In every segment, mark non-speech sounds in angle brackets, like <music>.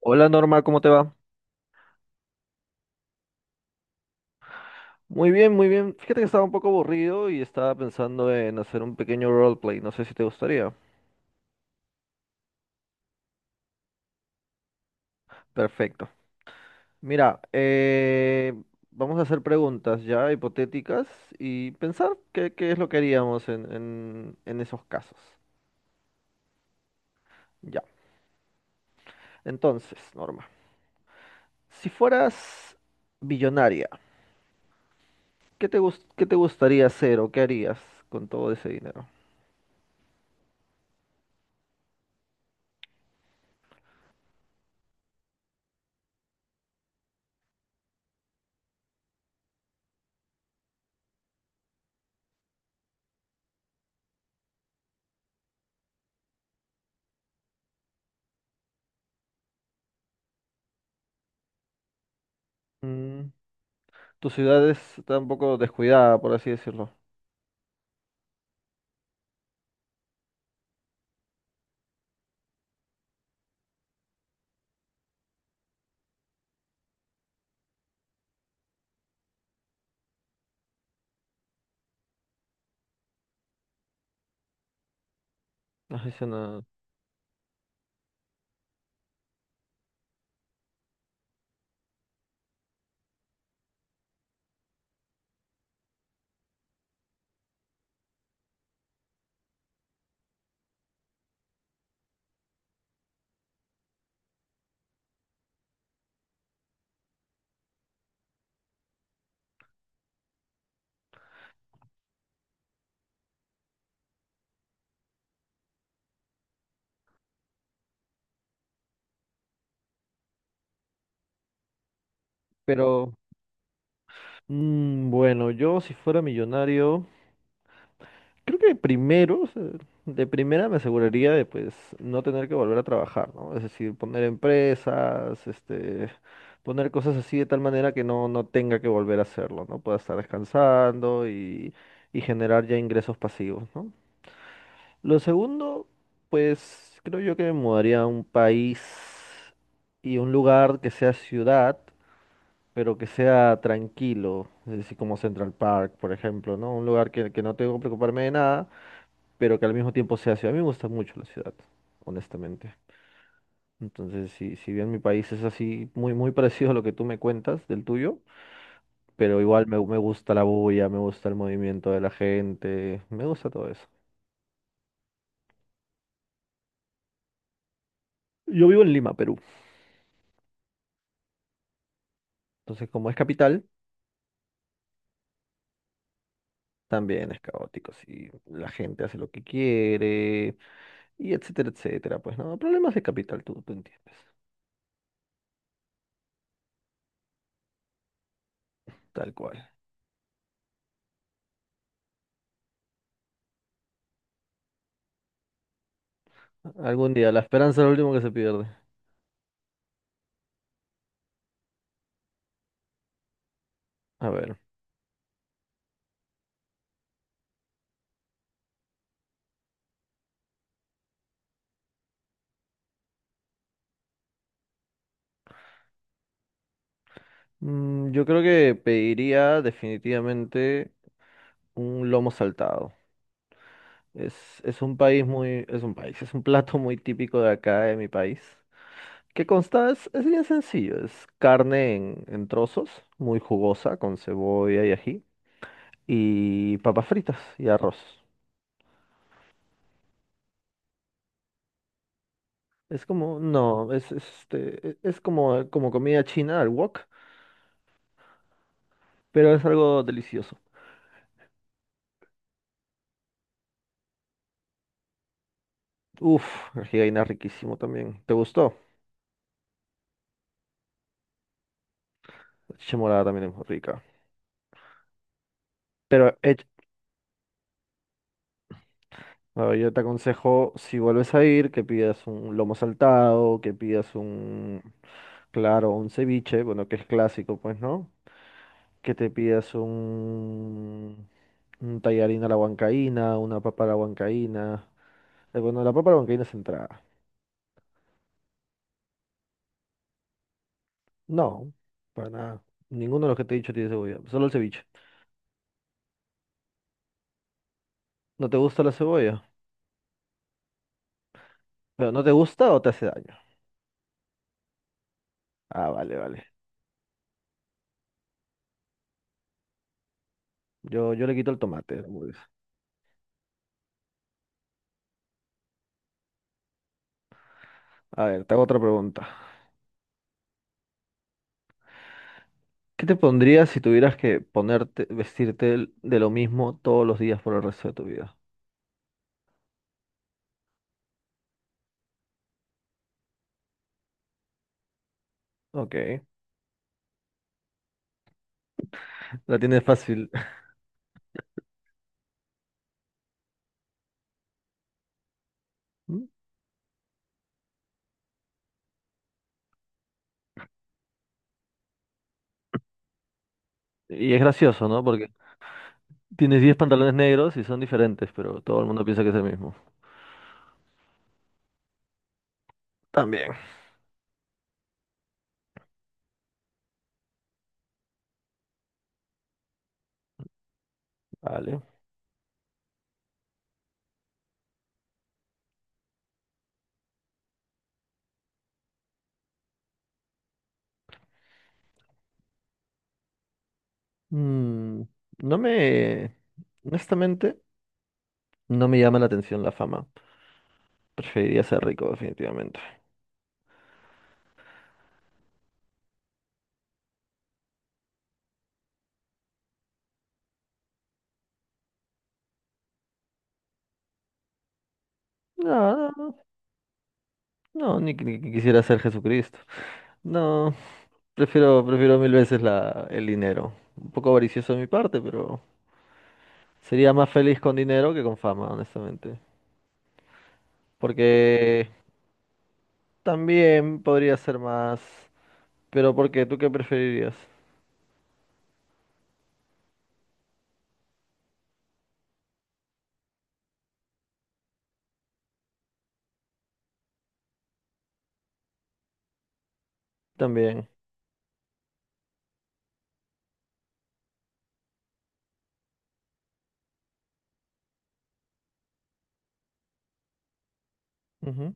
Hola Norma, ¿cómo te va? Muy bien, muy bien. Fíjate que estaba un poco aburrido y estaba pensando en hacer un pequeño roleplay. No sé si te gustaría. Perfecto. Mira, vamos a hacer preguntas ya hipotéticas y pensar qué es lo que haríamos en esos casos. Ya. Entonces, Norma, si fueras billonaria, ¿ qué te gustaría hacer o qué harías con todo ese dinero? Mm, está un poco descuidada, por así decirlo. No sé si no. Pero mm, bueno, yo si fuera millonario, creo que primero, o sea, de primera me aseguraría de pues no tener que volver a trabajar, ¿no? Es decir, poner empresas, poner cosas así de tal manera que no tenga que volver a hacerlo, ¿no? Pueda estar descansando y generar ya ingresos pasivos, ¿no? Lo segundo, pues creo yo que me mudaría a un país y un lugar que sea ciudad pero que sea tranquilo, es decir, como Central Park, por ejemplo, ¿no? Un lugar que no tengo que preocuparme de nada, pero que al mismo tiempo sea ciudad. A mí me gusta mucho la ciudad, honestamente. Entonces, si bien mi país es así, muy, muy <laughs> parecido a lo que tú me cuentas del tuyo, pero igual me gusta la bulla, me gusta el movimiento de la gente, me gusta todo eso. Yo vivo en Lima, Perú, entonces como es capital, también es caótico, sí, la gente hace lo que quiere, y etcétera, etcétera, pues no, problemas de capital, tú entiendes, tal cual. Algún día, la esperanza es lo último que se pierde. A ver, mm, yo creo que pediría definitivamente un lomo saltado. Es un país muy, es un país, es un plato muy típico de acá, de mi país, que consta, es bien sencillo, es carne en trozos, muy jugosa, con cebolla y ají, y papas fritas y arroz. Es como, no, es como, como comida china al wok, pero es algo delicioso. Uf, el jigaina riquísimo también. ¿Te gustó? Leche morada también es muy rica. Pero bueno, yo te aconsejo, si vuelves a ir, que pidas un lomo saltado, claro, un ceviche, bueno, que es clásico, pues, ¿no? Que te pidas un tallarín a la huancaína, una papa a la huancaína. Bueno, la papa a la huancaína es entrada. No, para nada. Ninguno de los que te he dicho tiene cebolla, solo el ceviche. ¿No te gusta la cebolla? ¿Pero no te gusta o te hace daño? Ah, vale, vale. Yo le quito el tomate a la hamburguesa. A ver, te hago otra pregunta. ¿Qué te pondrías si tuvieras que vestirte de lo mismo todos los días por el resto de tu vida? Ok, la tienes fácil. <laughs> Y es gracioso, ¿no? Porque tienes 10 pantalones negros y son diferentes, pero todo el mundo piensa que es el mismo. También. Vale. Mm, no me... Honestamente, no me llama la atención la fama. Preferiría ser rico, definitivamente. No, no, no, ni que quisiera ser Jesucristo. No, prefiero mil veces el dinero. Un poco avaricioso de mi parte, pero... Sería más feliz con dinero que con fama, honestamente. Porque también podría ser más. Pero ¿por qué? ¿Tú qué preferirías? También. Ujú.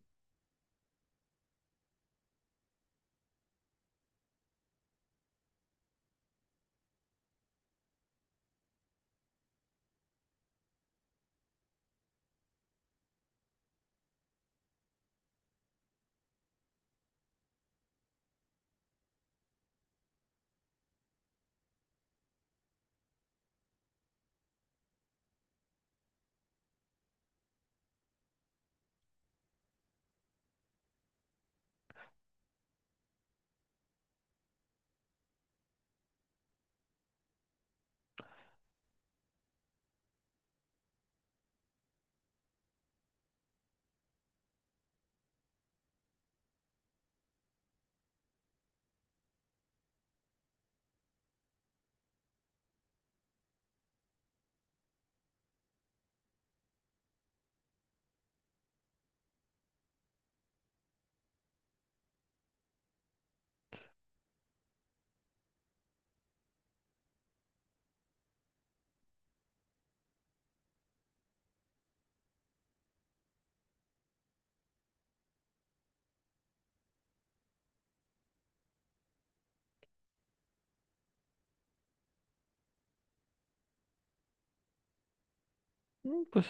Mm, pues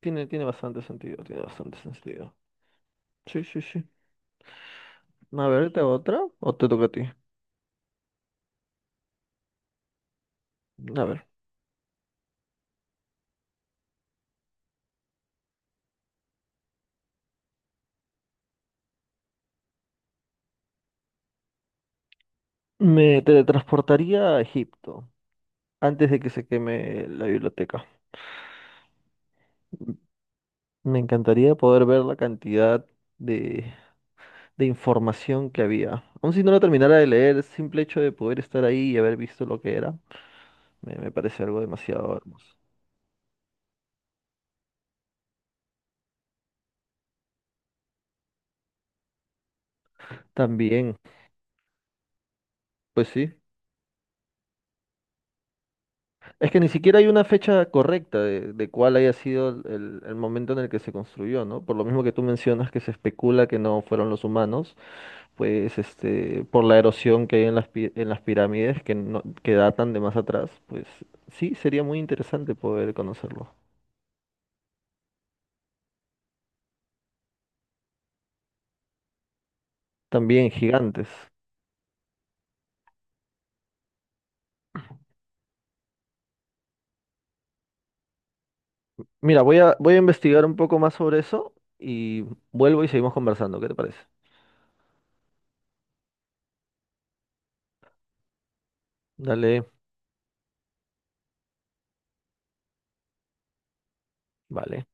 tiene, tiene bastante sentido, tiene bastante sentido. Sí, sí, sí. A ver, ¿te hago otra? ¿O te toca a ti? A ver. Me teletransportaría a Egipto antes de que se queme la biblioteca. Me encantaría poder ver la cantidad de de información que había. Aun si no lo terminara de leer, el simple hecho de poder estar ahí y haber visto lo que era, me parece algo demasiado hermoso. También, pues sí. Es que ni siquiera hay una fecha correcta de cuál haya sido el momento en el que se construyó, ¿no? Por lo mismo que tú mencionas que se especula que no fueron los humanos, pues este, por la erosión que hay en las, en las pirámides que, no, que datan de más atrás, pues sí, sería muy interesante poder conocerlo. También gigantes. Mira, voy a investigar un poco más sobre eso y vuelvo y seguimos conversando. ¿Qué te parece? Dale, vale.